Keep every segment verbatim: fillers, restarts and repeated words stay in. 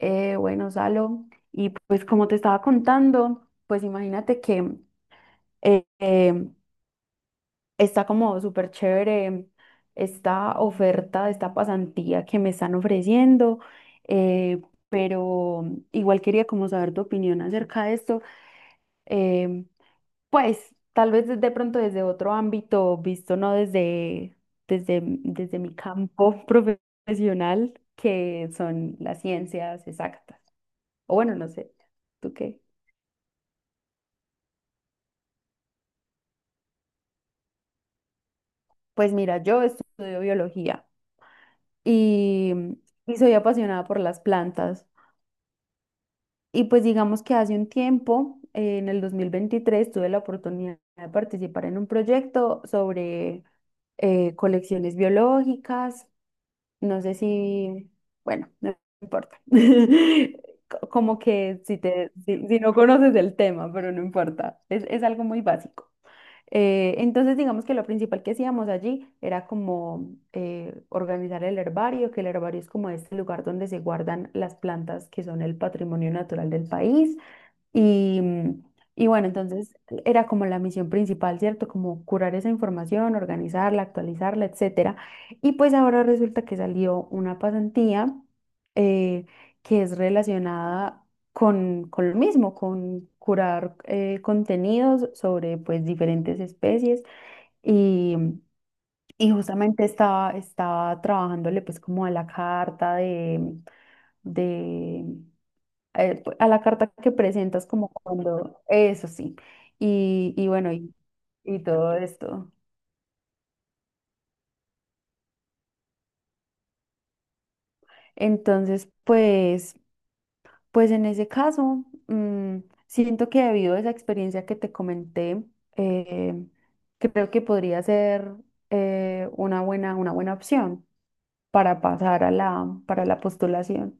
Eh, bueno, Salo, y pues como te estaba contando, pues imagínate que eh, eh, está como súper chévere esta oferta de esta pasantía que me están ofreciendo, eh, pero igual quería como saber tu opinión acerca de esto, eh, pues tal vez de pronto desde otro ámbito, visto no desde, desde, desde mi campo profesional, que son las ciencias exactas. O bueno, no sé, ¿tú qué? Pues mira, yo estudio biología y, mm, y soy apasionada por las plantas. Y pues digamos que hace un tiempo, eh, en el dos mil veintitrés, tuve la oportunidad de participar en un proyecto sobre eh, colecciones biológicas. No sé si, bueno, no importa. Co- Como que si te, si, si no conoces el tema, pero no importa. Es, es algo muy básico. Eh, entonces, digamos que lo principal que hacíamos allí era como eh, organizar el herbario, que el herbario es como este lugar donde se guardan las plantas que son el patrimonio natural del país. Y, mm, y bueno, entonces era como la misión principal, ¿cierto? Como curar esa información, organizarla, actualizarla, etcétera. Y pues ahora resulta que salió una pasantía eh, que es relacionada con, con lo mismo, con curar eh, contenidos sobre pues diferentes especies y, y justamente estaba, estaba trabajándole pues como a la carta de, de eh, a la carta que presentas como cuando, eso sí, y, y bueno, y, y todo esto. Entonces, pues, pues en ese caso, mm, siento que debido a esa experiencia que te comenté, eh, creo que podría ser eh, una buena, una buena opción para pasar a la, para la postulación.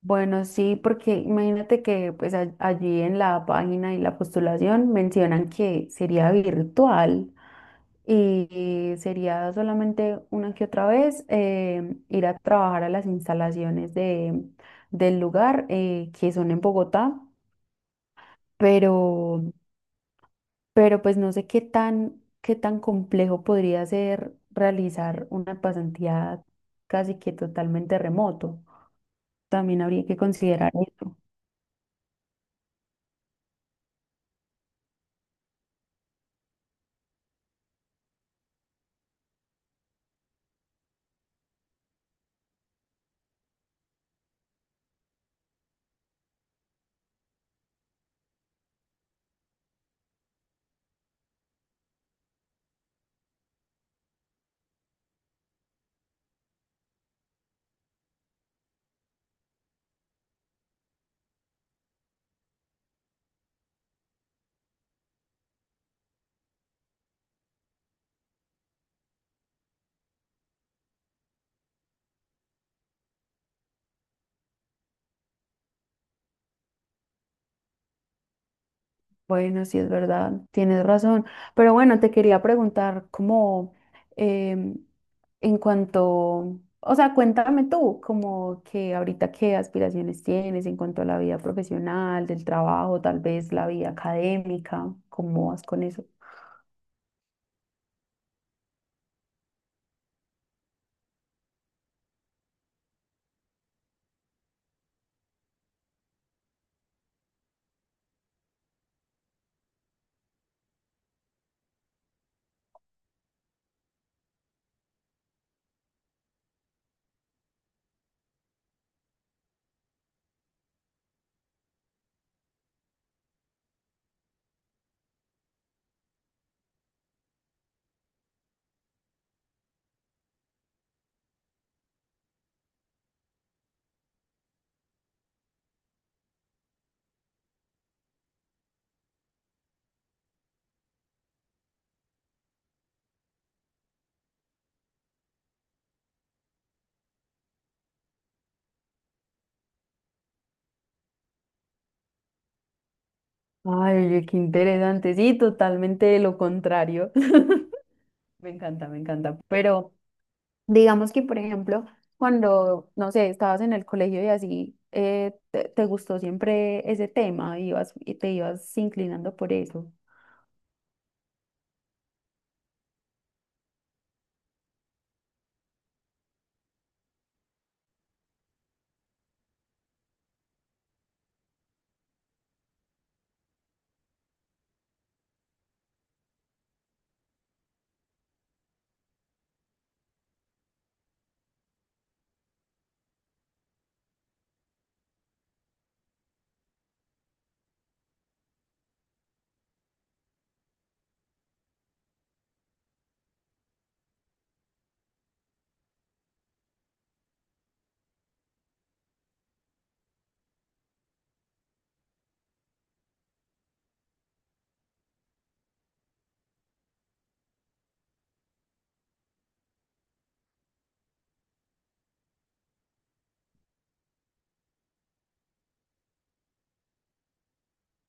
Bueno, sí, porque imagínate que pues a- allí en la página y la postulación mencionan que sería virtual. Y sería solamente una que otra vez eh, ir a trabajar a las instalaciones de, del lugar eh, que son en Bogotá, pero, pero pues no sé qué tan, qué tan complejo podría ser realizar una pasantía casi que totalmente remoto. También habría que considerar eso. Bueno, sí es verdad, tienes razón. Pero bueno, te quería preguntar cómo, em, en cuanto, o sea, cuéntame tú, como que ahorita qué aspiraciones tienes en cuanto a la vida profesional, del trabajo, tal vez la vida académica, ¿cómo vas con eso? Ay, oye, qué interesante, sí, totalmente lo contrario. Me encanta, me encanta. Pero digamos que, por ejemplo, cuando, no sé, estabas en el colegio y así, eh, te, te gustó siempre ese tema, ibas, y te ibas inclinando por eso.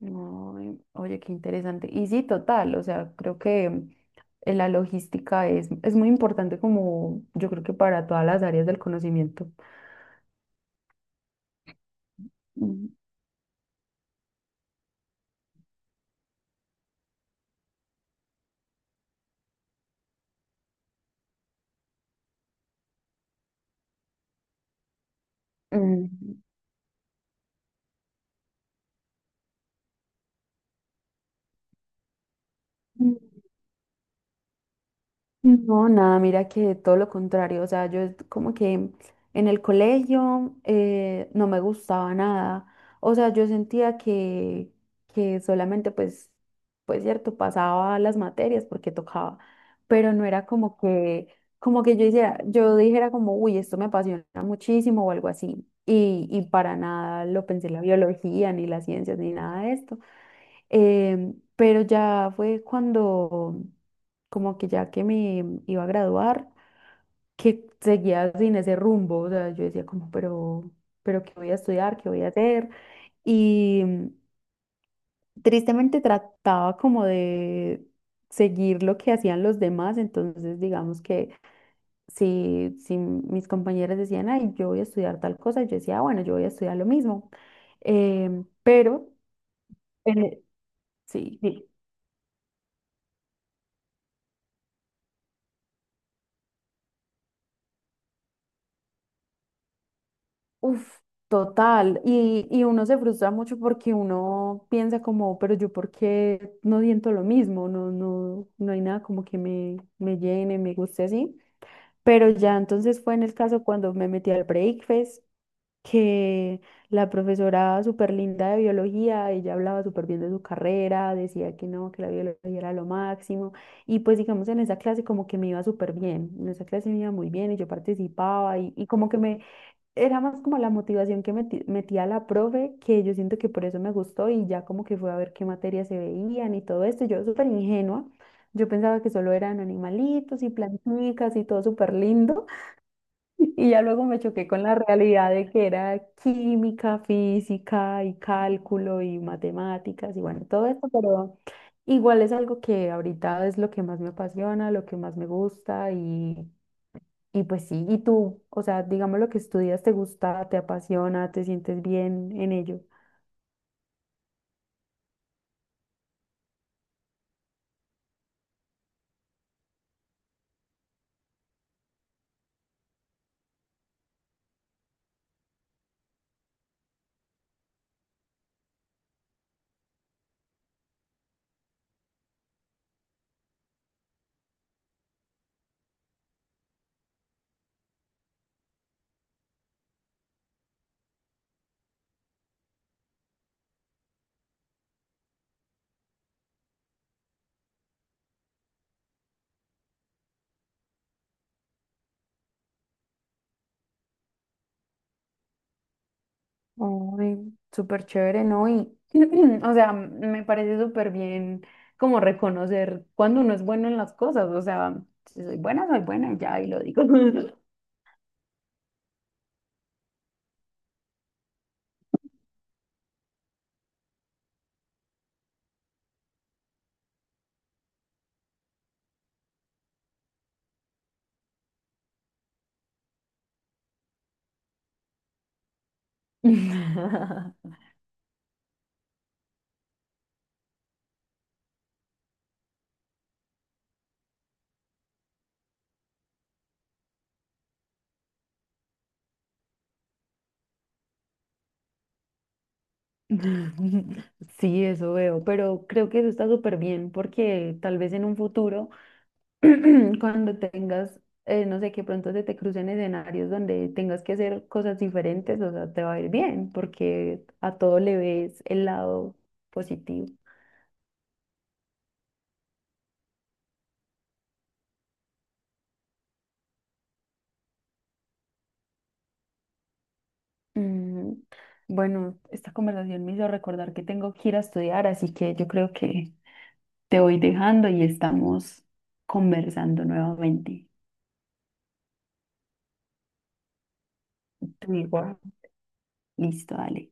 Ay, oye, qué interesante. Y sí, total, o sea, creo que eh, la logística es, es muy importante como yo creo que para todas las áreas del conocimiento. Mm, mm. Mm. No, nada, mira que todo lo contrario, o sea, yo es como que en el colegio eh, no me gustaba nada, o sea, yo sentía que, que solamente pues, pues cierto, pasaba las materias porque tocaba, pero no era como que, como que yo hiciera, yo dijera como, uy, esto me apasiona muchísimo o algo así, y, y para nada lo pensé la biología, ni las ciencias, ni nada de esto. Eh, pero ya fue cuando, como que ya que me iba a graduar, que seguía sin ese rumbo. O sea, yo decía como, pero, pero ¿qué voy a estudiar? ¿Qué voy a hacer? Y mm, tristemente trataba como de seguir lo que hacían los demás. Entonces, digamos que si, si mis compañeras decían, ay, yo voy a estudiar tal cosa, yo decía, "Ah, bueno, yo voy a estudiar lo mismo". Em, pero, en e- sí. Uf, total. Y, y uno se frustra mucho porque uno piensa como, pero yo por qué no siento lo mismo, no, no, no hay nada como que me, me llene, me guste así. Pero ya entonces fue en el caso cuando me metí al Breakfast, que la profesora súper linda de biología, ella hablaba súper bien de su carrera, decía que no, que la biología era lo máximo. Y pues digamos en esa clase como que me iba súper bien, en esa clase me iba muy bien y yo participaba y, y como que me era más como la motivación que meti- metía la profe, que yo siento que por eso me gustó y ya como que fue a ver qué materias se veían y todo esto. Yo súper ingenua, yo pensaba que solo eran animalitos y plantitas y todo súper lindo. Y ya luego me choqué con la realidad de que era química, física y cálculo y matemáticas y bueno, todo esto, pero igual es algo que ahorita es lo que más me apasiona, lo que más me gusta y y pues sí, ¿y tú? O sea, digamos lo que estudias, ¿te gusta, te apasiona, te sientes bien en ello? Ay, súper chévere, ¿no? Y, o sea, me parece súper bien como reconocer cuando uno es bueno en las cosas, o sea, si soy buena, soy buena, y ya, y lo digo. Sí, eso veo, pero creo que eso está súper bien porque tal vez en un futuro cuando tengas, eh, no sé, que pronto se te crucen escenarios donde tengas que hacer cosas diferentes, o sea, te va a ir bien, porque a todo le ves el lado positivo. Mm, bueno, esta conversación me hizo recordar que tengo que ir a estudiar, así que yo creo que te voy dejando y estamos conversando nuevamente. Tú igual. Listo, dale.